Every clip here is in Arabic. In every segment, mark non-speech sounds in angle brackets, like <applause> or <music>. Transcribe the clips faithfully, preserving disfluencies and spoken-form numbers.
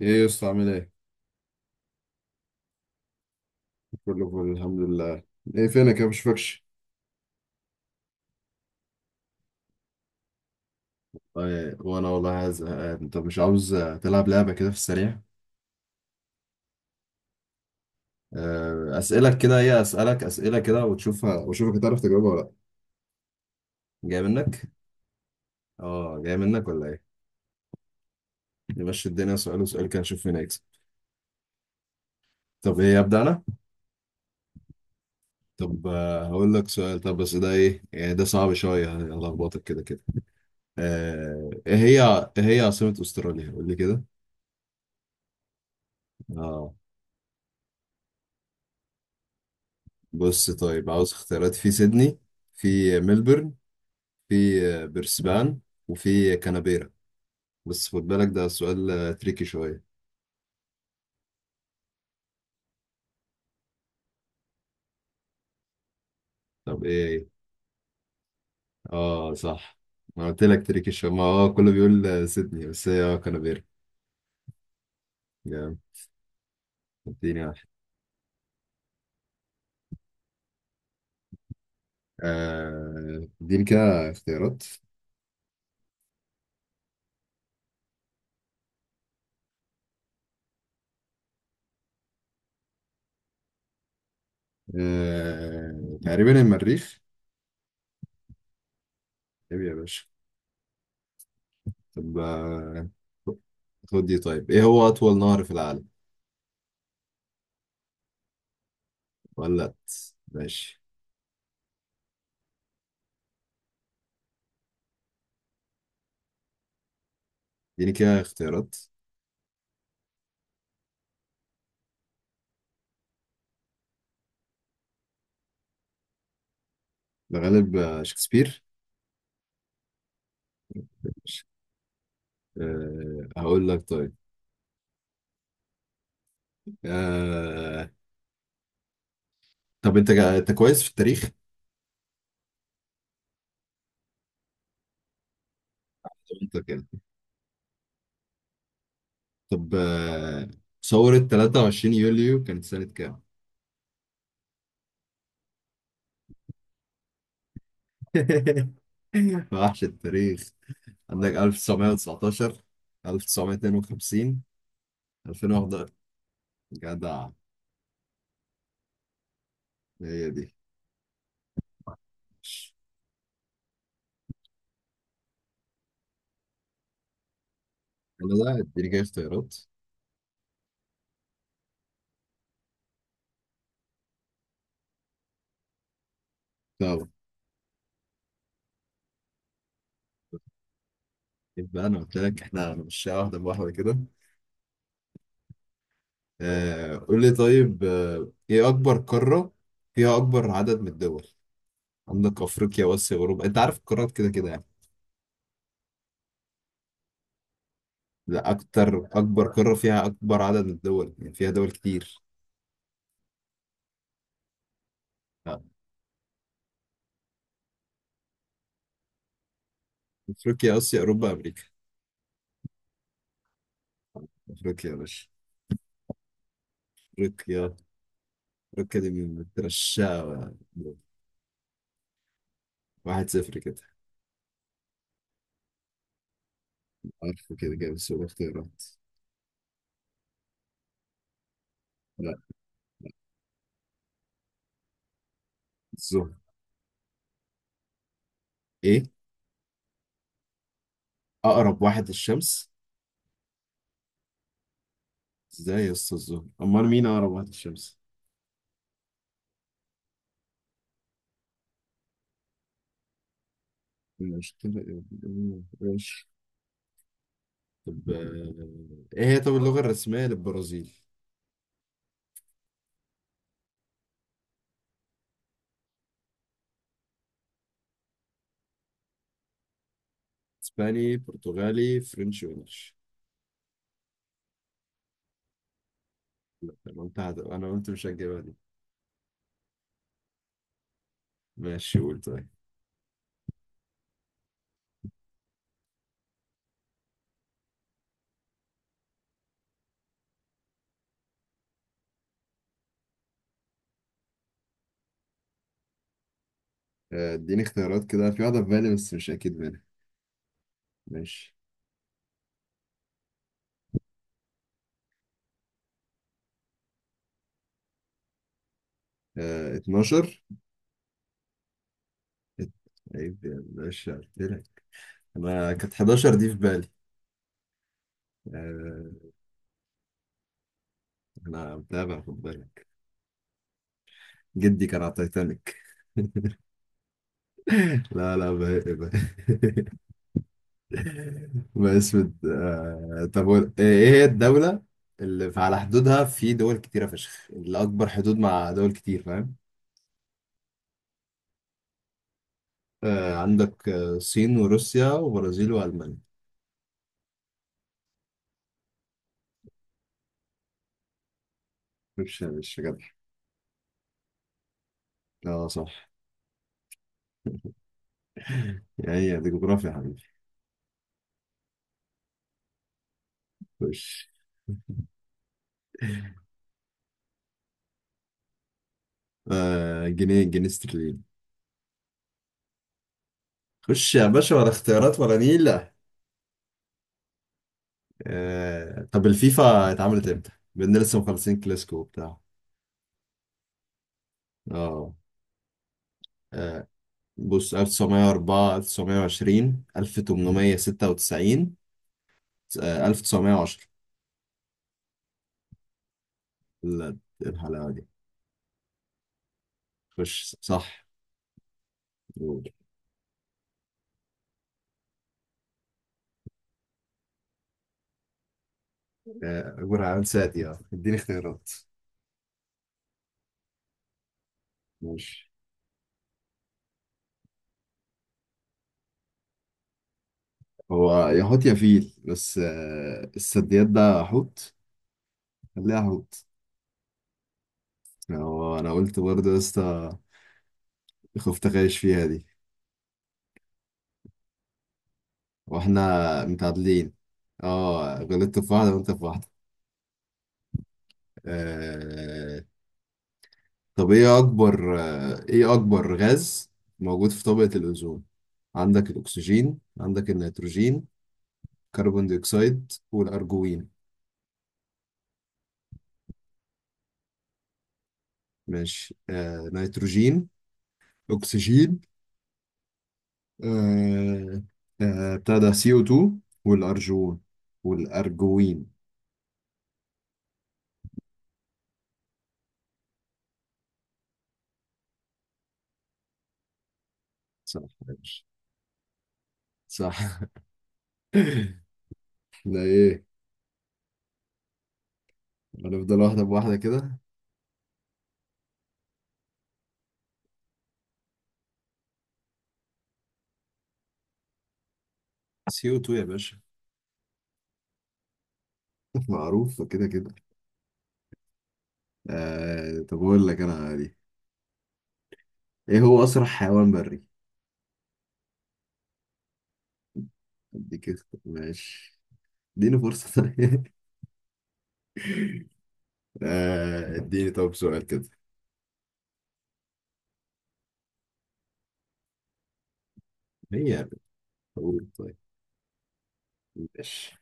ايه يا اسطى عامل ايه؟ كله فل، الحمد لله. ايه فينك يا مشفكش؟ طيب وانا والله زهقان، انت مش عاوز تلعب لعبة كده في السريع؟ آه، اسئلة كده، ايه؟ اسألك اسئلة كده وتشوفها واشوفك هتعرف تجاوبها ولا لا. جاي منك. اه، جاي منك ولا ايه؟ نمشي الدنيا، سؤال وسؤال كده، نشوف مين هيكسب. طب ايه؟ ابدأ انا. طب آه، هقول لك سؤال. طب بس ده ايه يعني؟ ده صعب شوية، هلخبطك كده كده. آه، ايه هي؟ ايه هي عاصمة استراليا؟ قول لي كده. بص طيب، عاوز اختيارات؟ في سيدني، في ملبورن، في برسبان، وفي كانبيرا. بس خد بالك ده سؤال آه، تريكي شوية. طب ايه ايه اه صح. ما قلت لك تريكي شوية، ما اه كله بيقول آه، سيدني، بس هي اه كانبيرا. جامد. اديني واحد. آه، اديني كده اختيارات. آه، تقريبا المريخ. طيب يا باشا. طب آه، خد دي. طيب ايه هو أطول نهر في العالم؟ ولا لأ؟ ماشي. اديني كده اختيارات. الغالب آه، شكسبير. أه، هقول لك طيب. أه. طب انت جا- انت كويس في التاريخ. انت كده. طب أه، ثورة تلاتة وعشرين يوليو كانت سنة كام؟ <laughs> وحش التاريخ. عندك ألف تسعمية وتسعتاشر، ألف تسعمية اتنين وخمسين، ألفين وحداشر. جدع، هي دي. انا ده اديني كده اختيارات. طب يبقى انا قلت لك احنا مش واحدة بواحدة كده. آه قول لي طيب. آه، ايه اكبر قارة فيها اكبر عدد من الدول؟ عندك افريقيا واسيا اوروبا، انت عارف القارات كده كده يعني. لا اكتر، اكبر قارة فيها اكبر عدد من الدول، يعني فيها دول كتير. آه. افريقيا، اسيا، اوروبا، امريكا. افريقيا يا باشا. افريقيا. افريقيا دي من مترشقة. واحد صفر كده. عارفه كده كده بس هو اختيارات. لا. الزهر. ايه؟ اقرب واحد للشمس. ازاي يا اسطى الزهر؟ امال مين اقرب واحد للشمس؟ مش كده إيه؟ إيه؟ طب آه، ايه هي طب اللغة الرسمية للبرازيل؟ اسباني، برتغالي، فرنش، وانجلش. انا قلت هت- انا قلت مش هتجيبها دي. ماشي قول طيب. آه، اديني اختيارات كده، في واحدة في بالي بس مش اكيد منها. ماشي. آه، اتناشر. ات- عيب يا باشا قلت لك. انا كانت حداشر دي في بالي. آه. انا متابع خد بالك. جدي كان على تايتانيك <laughs> لا لا بقى. ما اسود. آه... طب و- آه، ايه هي الدولة اللي على حدودها في دول كتيرة فشخ، اللي أكبر حدود مع دول كتير، فاهم؟ آه... عندك آه، الصين وروسيا وبرازيل وألمانيا. مش مش جدع. اه صح. يعني دي جغرافيا يا حبيبي. خش. آه... جنيه جنيه استرليني. خش يا باشا ولا اختيارات ولا نيلة. آه... طب الفيفا اتعملت امتى؟ بإن لسه مخلصين كلاسيكو وبتاع. اه. آه، بص ألف تسعمية واربعة، ألف تسعمائة وعشرين، ألف ثمانمائة وستة وتسعين، آه، ألف تسعمائة وعشرة. ال- الحلاوة دي. خش صح. جرعان سادي، اه اديني اختيارات. ماشي. هو يا حوت يا فيل، بس آه، السديات ده حوت. خليها حوت. هو انا قلت برضه يا اسطى. خفت اغش فيها دي. واحنا متعادلين. اه غلطت في واحدة وانت في واحدة. آه، طب ايه اكبر آه، ايه اكبر غاز موجود في طبقة الاوزون؟ عندك الاكسجين، عندك النيتروجين، كربون ديوكسيد، والارجوين. ماشي. آه نيتروجين، اكسجين، آه، آه بتاع ده سي او اتنين، والارجون، والارجوين. صح يا باشا. صح <laughs> لا ايه. هنفضل واحدة بواحدة كده. سي او اتنين يا باشا <laughs> معروف كده كده. آه، طب اقول لك انا دي. ايه هو اسرع حيوان بري؟ اديك اخت- ماشي. اديني فرصة طيب <laughs> آه، اديني طب سؤال كده. هي بتقول طيب. ماشي.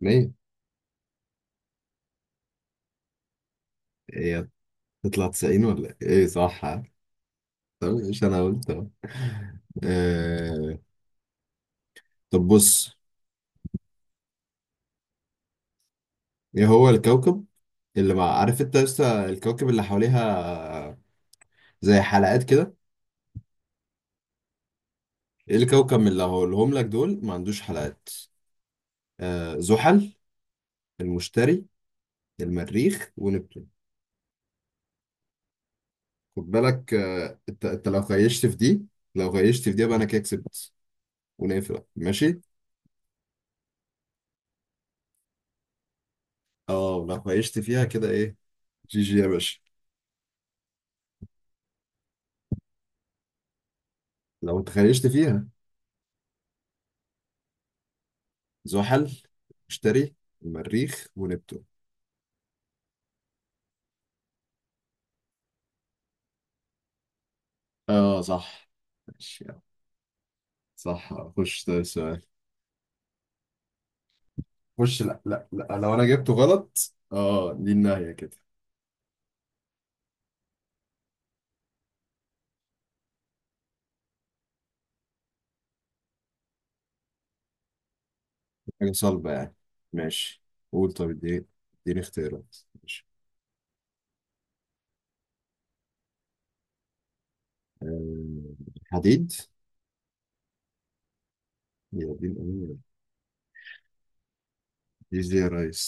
ليه؟ هي تطلع تسعين ولا ايه؟ إيه صح ها؟ طب مش انا قلت اهو. آه، طب بص. ايه هو الكوكب اللي مع عارف انت لسه، الكوكب اللي حواليها زي حلقات كده. ايه الكوكب من اللي هقولهم لك دول ما عندوش حلقات؟ آه زحل، المشتري، المريخ، ونبتون. خد بالك آه، انت انت لو خيشت في دي. لو خيشت في دي يبقى انا كده كسبت، ونقفل ماشي. اه لو خيشت فيها كده ايه. جي جي يا باشا. لو انت خيشت فيها، زحل، مشتري، المريخ، ونبتون. اه صح. ماشي يلا. صح خش ده السؤال. خش. لا لا لا، لو انا جبته غلط اه دي النهاية كده. حاجة صلبة يعني. ماشي. قول طب اديني. اديني اختيارات. ماشي. آه، حديد. يا دين امين. دي زي يا ريس.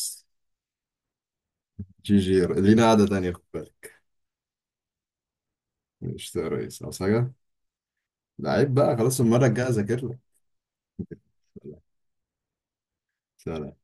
جي جي لينا قعدة تانية خد بالك. مش يا ريس عاوز حاجة؟ لعيب بقى خلاص، المرة الجاية أذاكر لك <laughs> سلام.